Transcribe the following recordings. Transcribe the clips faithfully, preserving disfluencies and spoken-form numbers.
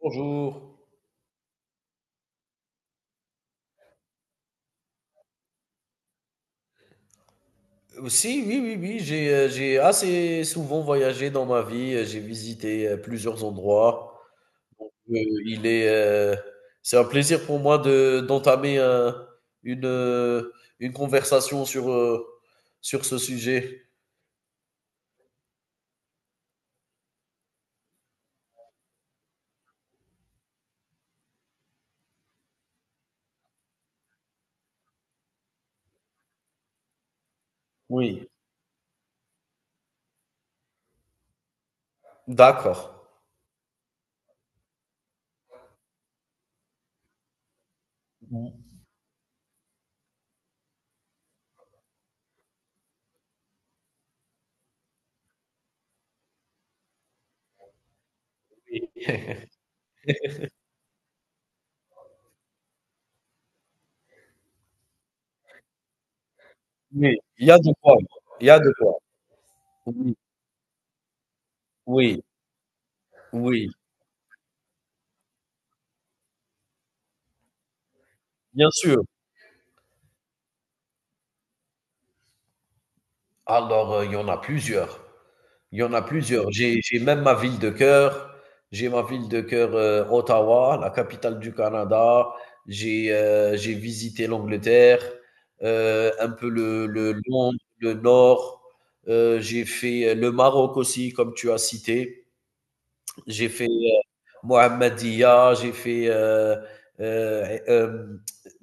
Bonjour. Aussi, oui, oui, oui, j'ai, heu, j'ai assez souvent voyagé dans ma vie, heu, j'ai visité, heu, plusieurs endroits. Heu, il est, heu, c'est un plaisir pour moi de d'entamer un une, heu, une conversation sur, heu, sur ce sujet. Oui, d'accord. Oui, oui, il y a de quoi, il y a de quoi. Oui, oui, oui, bien sûr. Alors, heu, il y en a plusieurs. Il y en a plusieurs. J'ai j'ai même ma ville de cœur. J'ai ma ville de cœur, heu, Ottawa, la capitale du Canada. J'ai, heu, j'ai visité l'Angleterre, heu, un peu le le Londres, le Nord. Heu, j'ai fait, heu, le Maroc aussi, comme tu as cité. J'ai fait, heu, Mohammedia, j'ai fait, heu heu, et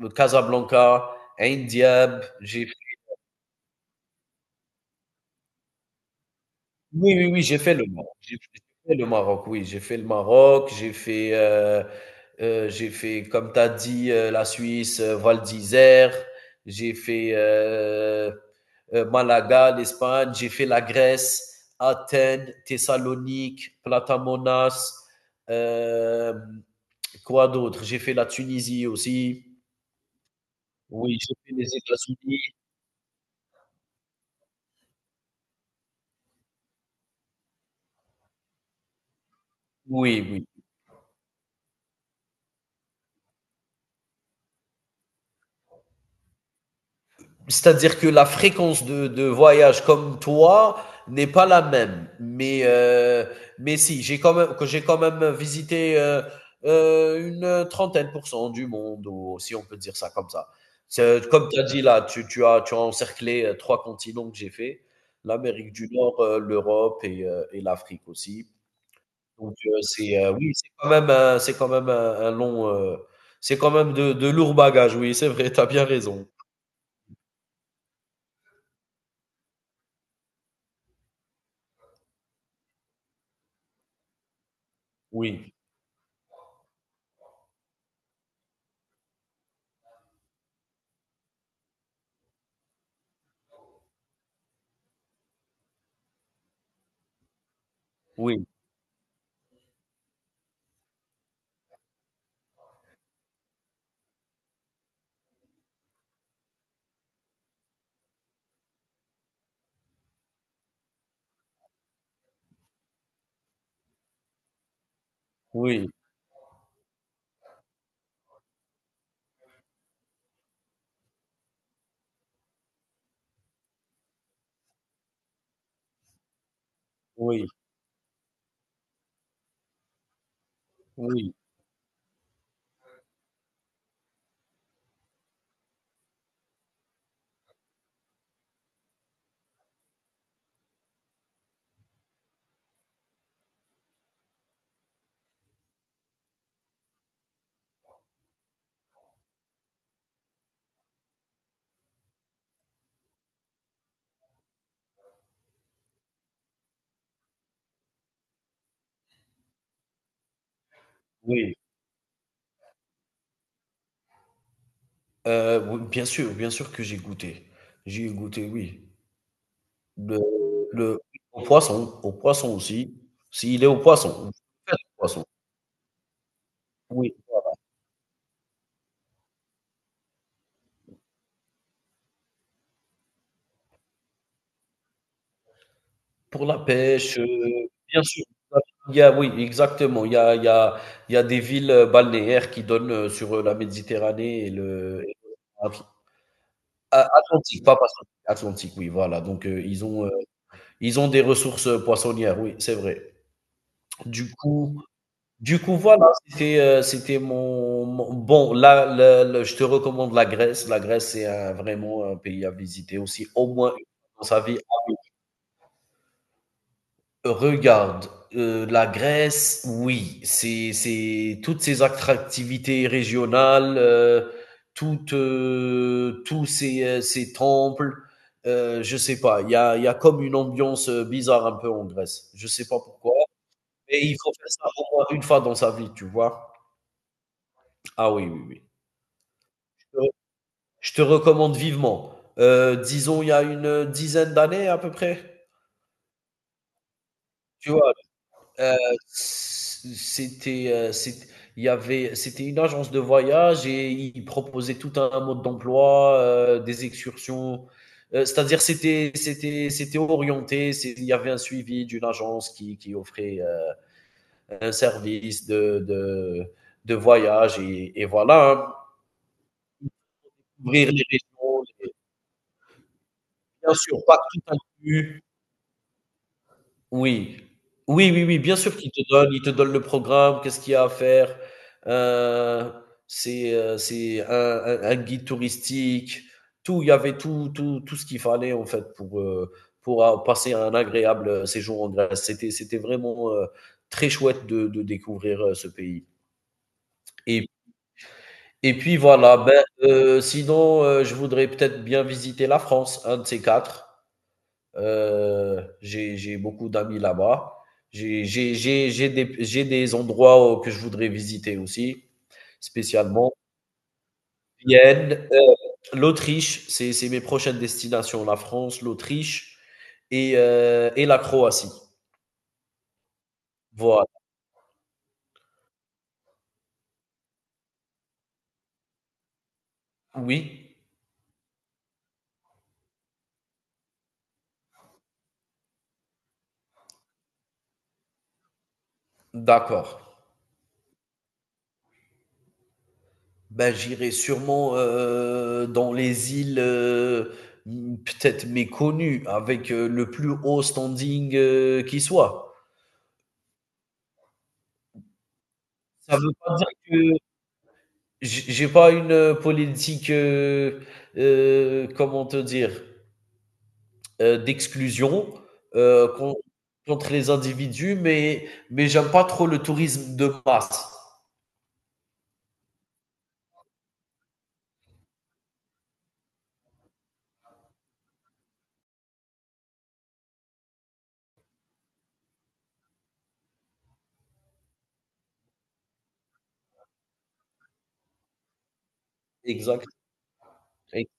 euh, Casablanca, Ain j'ai Oui, oui, oui, j'ai fait le Maroc. J'ai j'ai fait le Maroc, oui, j'ai fait le Maroc, j'ai fait, heu heu, j'ai fait, comme tu as dit, heu, la Suisse, heu, Val d'Isère, j'ai fait, heu heu, Malaga, l'Espagne, j'ai fait la Grèce, Athènes, Thessalonique, Platamonas, hem, quoi d'autre? J'ai fait la Tunisie aussi. Oui, j'ai fait les États-Unis. Oui, oui. C'est-à-dire que la fréquence de, de voyage comme toi n'est pas la même. Mais, euh, mais si, j'ai quand même, que j'ai quand même visité euh, euh, une trentaine pour cent du monde, ou si on peut dire ça comme ça. C'est- Comme tu as dit là, tu, tu as, tu as encerclé euh, trois continents que j'ai fait, l'Amérique du Nord, euh, l'Europe et, euh, et l'Afrique aussi. Donc euh, c'est euh, oui, c'est quand même un, c'est quand même un, un long, euh, c'est quand même de, de lourds bagages. Oui, c'est vrai, tu as bien raison. Oui, oui. Oui, oui, oui, oui. Euh, oui, bien sûr, bien sûr que j'ai goûté. J'ai goûté, oui. Le le Au poisson, au poisson aussi, s'il est au poisson, faites au poisson. Oui, pour la pêche, heu, bien sûr, il y a oui, exactement, il y a il y a il y a des villes, heu, balnéaires qui donnent, heu, sur, heu, la Méditerranée et le et l'Atl A Atlantique, pas Pacifique, Atlantique, oui, voilà, donc heu, ils ont, heu, ils ont des ressources, heu, poissonnières, oui, c'est vrai. Du coup Du coup, voilà, c'était, euh, c'était mon, mon- Bon, là, le- le- je te recommande la Grèce. La Grèce, c'est un- vraiment un pays à visiter aussi, au moins une fois dans sa vie. Ah oui. Regarde, euh, la Grèce, oui, c'est, c'est toutes ces attractivités régionales, euh, toutes, euh, tous ces, euh, ces temples, euh, je sais pas, il y a, il y a comme une ambiance euh, bizarre un peu en Grèce. Je sais pas pourquoi, mais il faut faire ça au moins une fois dans sa vie, tu vois. Ah oui, oui, oui. Je te recommande vivement. Heu, disons, il y a une dizaine d'années à peu près, tu vois? Heu, C'était, heu, c'ét il y avait c'était une agence de voyage et ils proposaient tout un mode d'emploi, heu, des excursions, heu, c'est-à-dire c'était c'était c'était orienté, c'est il y avait un suivi d'une agence qui qui offrait, heu, un service de de de voyage et et voilà, hein. Couvrir les régions, les Bien sûr, pas tout inclus. Oui. Oui, oui, oui, bien sûr qu'il te donne il te donne le programme, qu'est-ce qu'il y a à faire. Heu, c'est, heu, c'est un un un guide touristique, tout, il y avait tout tout tout ce qu'il fallait en fait pour, heu, pour a passer un agréable, euh, séjour en Grèce. C'était c'était vraiment, heu, très chouette de de découvrir, heu, ce pays et et puis voilà, ben, heu, sinon, heu, je voudrais peut-être bien visiter la France, un de ces quatre. Euh, j'ai j'ai beaucoup d'amis là-bas. J'ai j'ai- j'ai- j'ai des, j'ai des endroits euh, que je voudrais visiter aussi, spécialement. Vienne, euh, l'Autriche, c'est c'est mes prochaines destinations. La France, l'Autriche et, euh, et la Croatie. Voilà. Oui, d'accord. Ben, j'irai sûrement euh, dans les îles euh, m- peut-être méconnues, avec euh, le plus haut standing euh, qui soit. Ça veut pas dire que J'ai j'ai pas une euh, politique, heu heu, comment te dire? Heu, d'exclusion, heu, con contre les individus, mais mais j'aime pas trop le tourisme de masse. Exact, exact.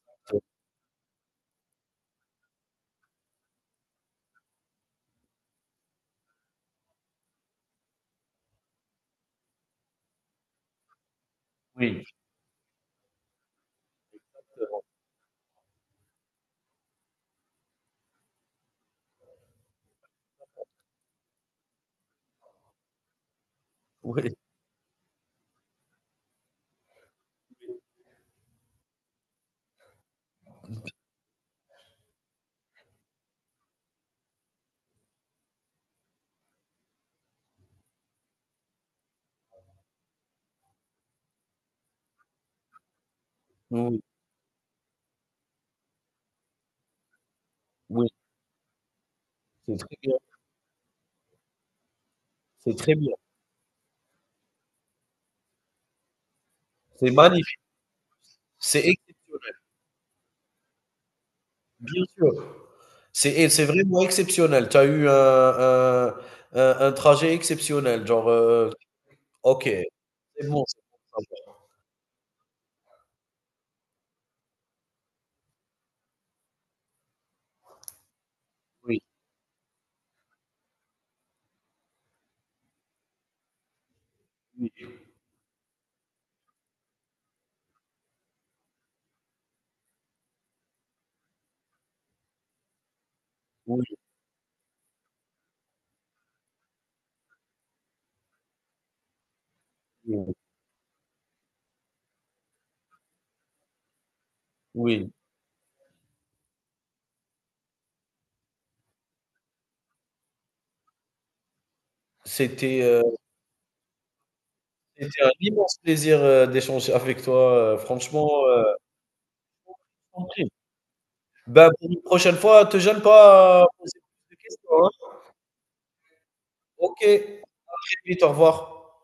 Oui, oui, oui, oui, c'est très bien, c'est très bien, c'est magnifique, c'est exceptionnel, bien sûr. C'est et c'est vraiment exceptionnel. Tu as eu un un un un trajet exceptionnel, genre, heu OK, c'est bon, c'est bon, ça va. Oui, oui, oui, oui. Oui, c'était, heu, c'était un immense plaisir, heu, d'échanger avec toi, heu, franchement, heu, je t'en prie. Bah, pour une prochaine fois, te gêne pas à poser plus de questions, hein. OK, à très vite, au revoir.